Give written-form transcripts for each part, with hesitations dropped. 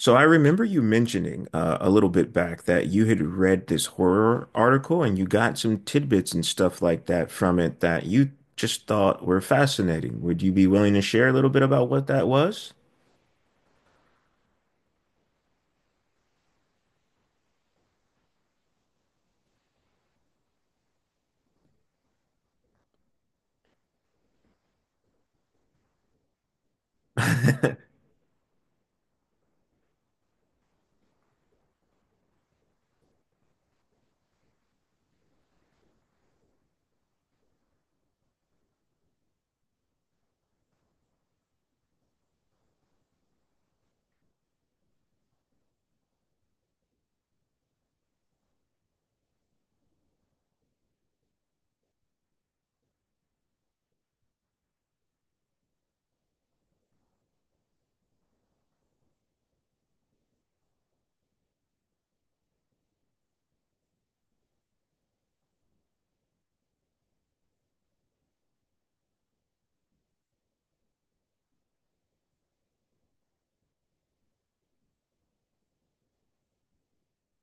So I remember you mentioning a little bit back that you had read this horror article and you got some tidbits and stuff like that from it that you just thought were fascinating. Would you be willing to share a little bit about what that was?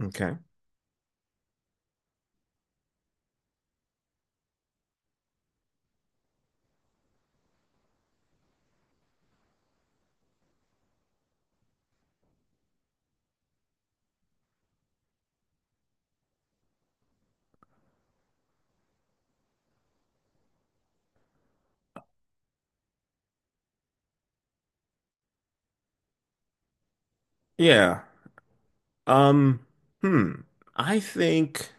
Okay. Yeah. Um, hmm. I think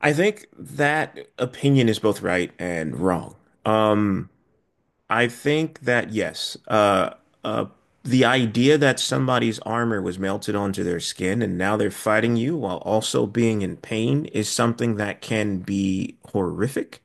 I think that opinion is both right and wrong. Um, I think that yes, uh, the idea that somebody's armor was melted onto their skin and now they're fighting you while also being in pain is something that can be horrific.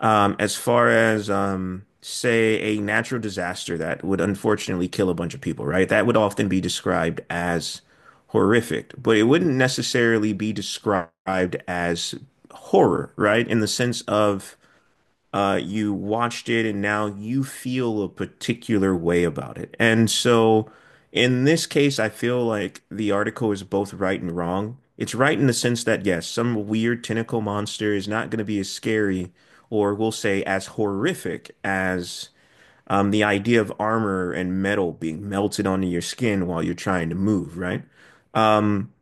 As far as say a natural disaster that would unfortunately kill a bunch of people, right? That would often be described as horrific, but it wouldn't necessarily be described as horror, right? In the sense of you watched it and now you feel a particular way about it. And so in this case, I feel like the article is both right and wrong. It's right in the sense that, yes, some weird tentacle monster is not going to be as scary or we'll say as horrific as the idea of armor and metal being melted onto your skin while you're trying to move, right?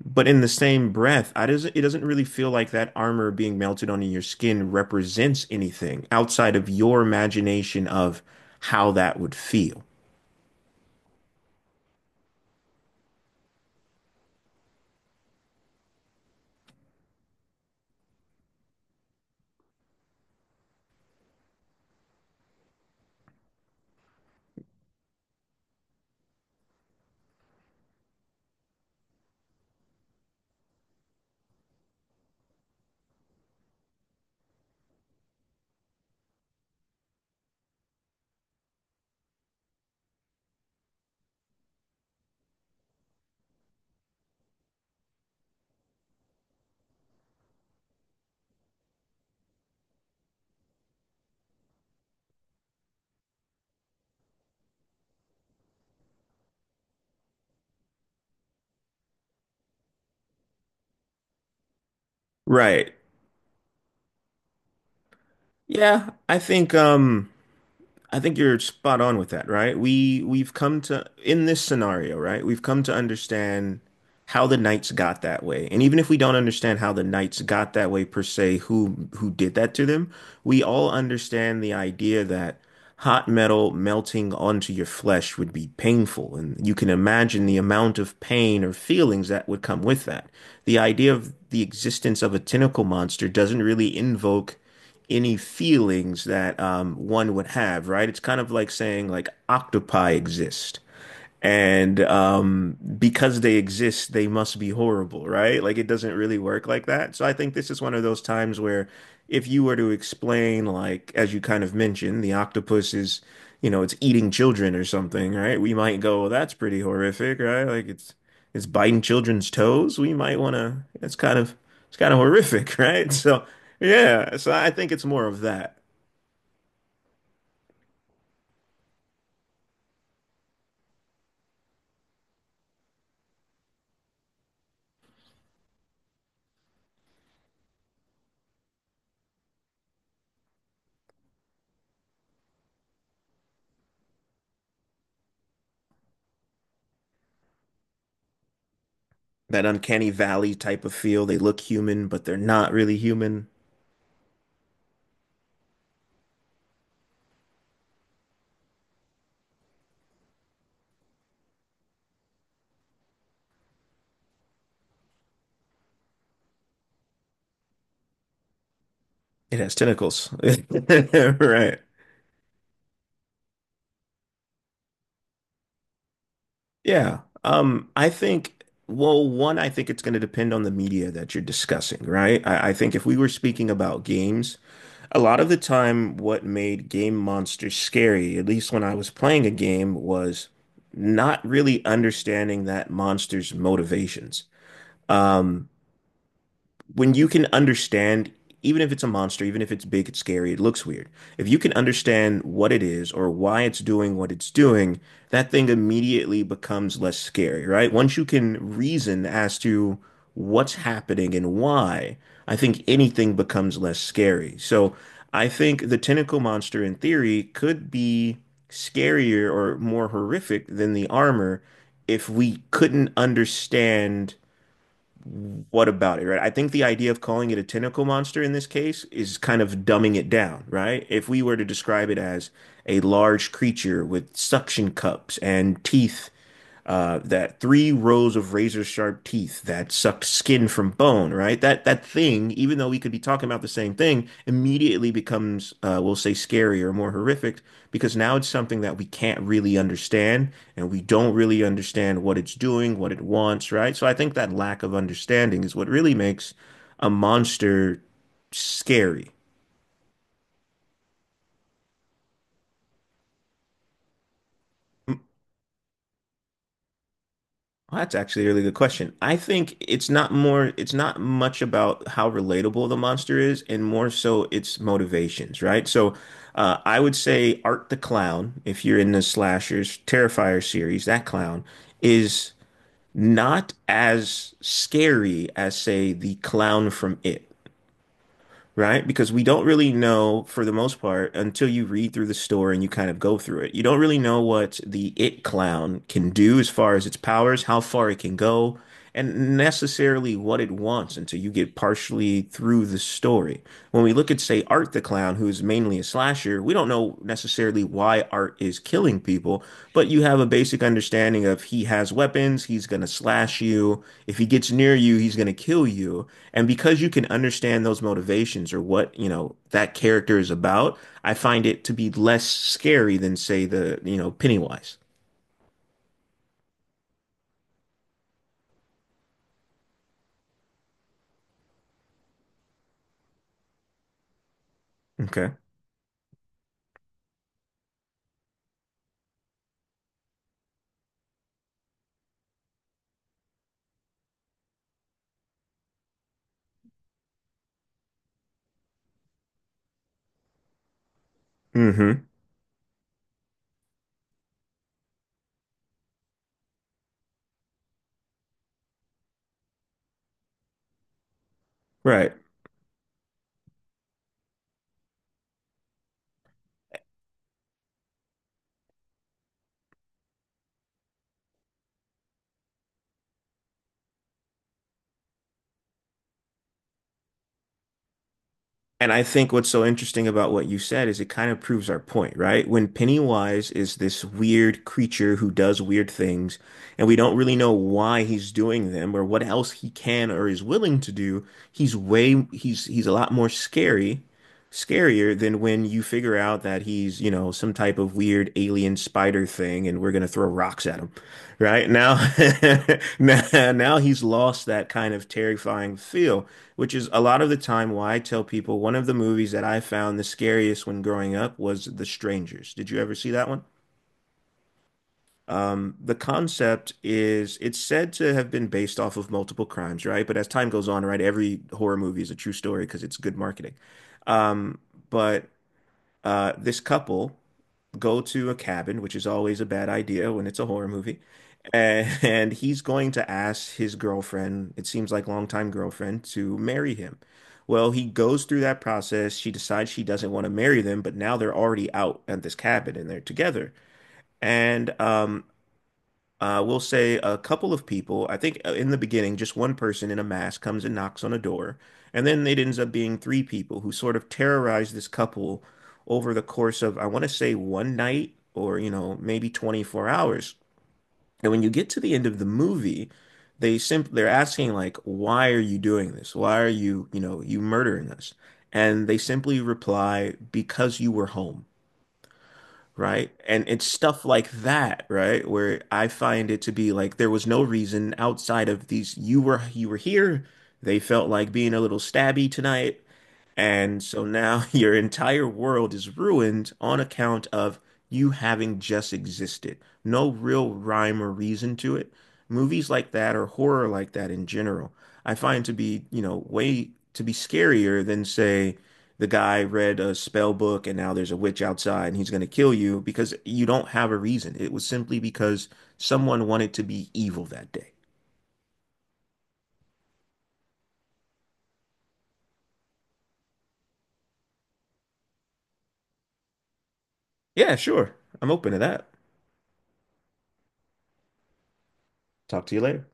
But in the same breath, I doesn't it doesn't really feel like that armor being melted onto your skin represents anything outside of your imagination of how that would feel. Right. Yeah, I think you're spot on with that, right? We've come to in this scenario, right? We've come to understand how the Knights got that way. And even if we don't understand how the Knights got that way per se, who did that to them, we all understand the idea that hot metal melting onto your flesh would be painful, and you can imagine the amount of pain or feelings that would come with that. The idea of the existence of a tentacle monster doesn't really invoke any feelings that one would have, right? It's kind of like saying like octopi exist. And because they exist, they must be horrible, right? Like it doesn't really work like that. So I think this is one of those times where if you were to explain, like, as you kind of mentioned, the octopus is, you know, it's eating children or something, right? We might go, well, that's pretty horrific, right? Like it's biting children's toes. We might want to, it's kind of horrific, right? So yeah, so I think it's more of that. That uncanny valley type of feel. They look human, but they're not really human. It has tentacles. Right. Yeah. I think, well, one, I think it's going to depend on the media that you're discussing, right? I think if we were speaking about games, a lot of the time, what made game monsters scary, at least when I was playing a game, was not really understanding that monster's motivations. Um, when you can understand, even if it's a monster, even if it's big, it's scary, it looks weird. If you can understand what it is or why it's doing what it's doing, that thing immediately becomes less scary, right? Once you can reason as to what's happening and why, I think anything becomes less scary. So I think the tentacle monster in theory could be scarier or more horrific than the armor if we couldn't understand what about it, right? I think the idea of calling it a tentacle monster in this case is kind of dumbing it down, right? If we were to describe it as a large creature with suction cups and teeth that three rows of razor sharp teeth that sucked skin from bone, right? That that thing, even though we could be talking about the same thing, immediately becomes, we'll say, scarier or more horrific because now it's something that we can't really understand and we don't really understand what it's doing, what it wants, right? So I think that lack of understanding is what really makes a monster scary. Well, that's actually a really good question. I think it's not more, it's not much about how relatable the monster is, and more so its motivations, right? So, I would say Art the Clown, if you're in the slashers, Terrifier series, that clown is not as scary as, say, the clown from It, right? Because we don't really know, for the most part, until you read through the story and you kind of go through it, you don't really know what the It clown can do as far as its powers, how far it can go, and necessarily what it wants until you get partially through the story. When we look at, say, Art the Clown who's mainly a slasher, we don't know necessarily why Art is killing people, but you have a basic understanding of he has weapons, he's going to slash you, if he gets near you he's going to kill you, and because you can understand those motivations or what, you know, that character is about, I find it to be less scary than, say, the, you know, Pennywise. Okay. Mm-hmm. Right. And I think what's so interesting about what you said is it kind of proves our point, right? When Pennywise is this weird creature who does weird things, and we don't really know why he's doing them or what else he can or is willing to do, he's way he's a lot more scary, scarier than when you figure out that he's, you know, some type of weird alien spider thing and we're gonna throw rocks at him, right? Now, now, now he's lost that kind of terrifying feel. Which is a lot of the time why I tell people one of the movies that I found the scariest when growing up was The Strangers. Did you ever see that one? The concept is it's said to have been based off of multiple crimes, right? But as time goes on, right, every horror movie is a true story because it's good marketing. Um, but this couple go to a cabin, which is always a bad idea when it's a horror movie. And he's going to ask his girlfriend, it seems like longtime girlfriend, to marry him. Well, he goes through that process. She decides she doesn't want to marry them, but now they're already out at this cabin and they're together. And we'll say a couple of people. I think in the beginning, just one person in a mask comes and knocks on a door. And then it ends up being three people who sort of terrorize this couple over the course of, I want to say, one night or, you know, maybe 24 hours. And when you get to the end of the movie, they're asking like, why are you doing this? Why are you, you know, you murdering us? And they simply reply, because you were home. Right. And it's stuff like that, right? Where I find it to be like there was no reason outside of these you were here. They felt like being a little stabby tonight. And so now your entire world is ruined on account of you having just existed. No real rhyme or reason to it. Movies like that or horror like that in general, I find to be, you know, way to be scarier than, say, the guy read a spell book and now there's a witch outside and he's going to kill you because you don't have a reason. It was simply because someone wanted to be evil that day. Yeah, sure. I'm open to that. Talk to you later.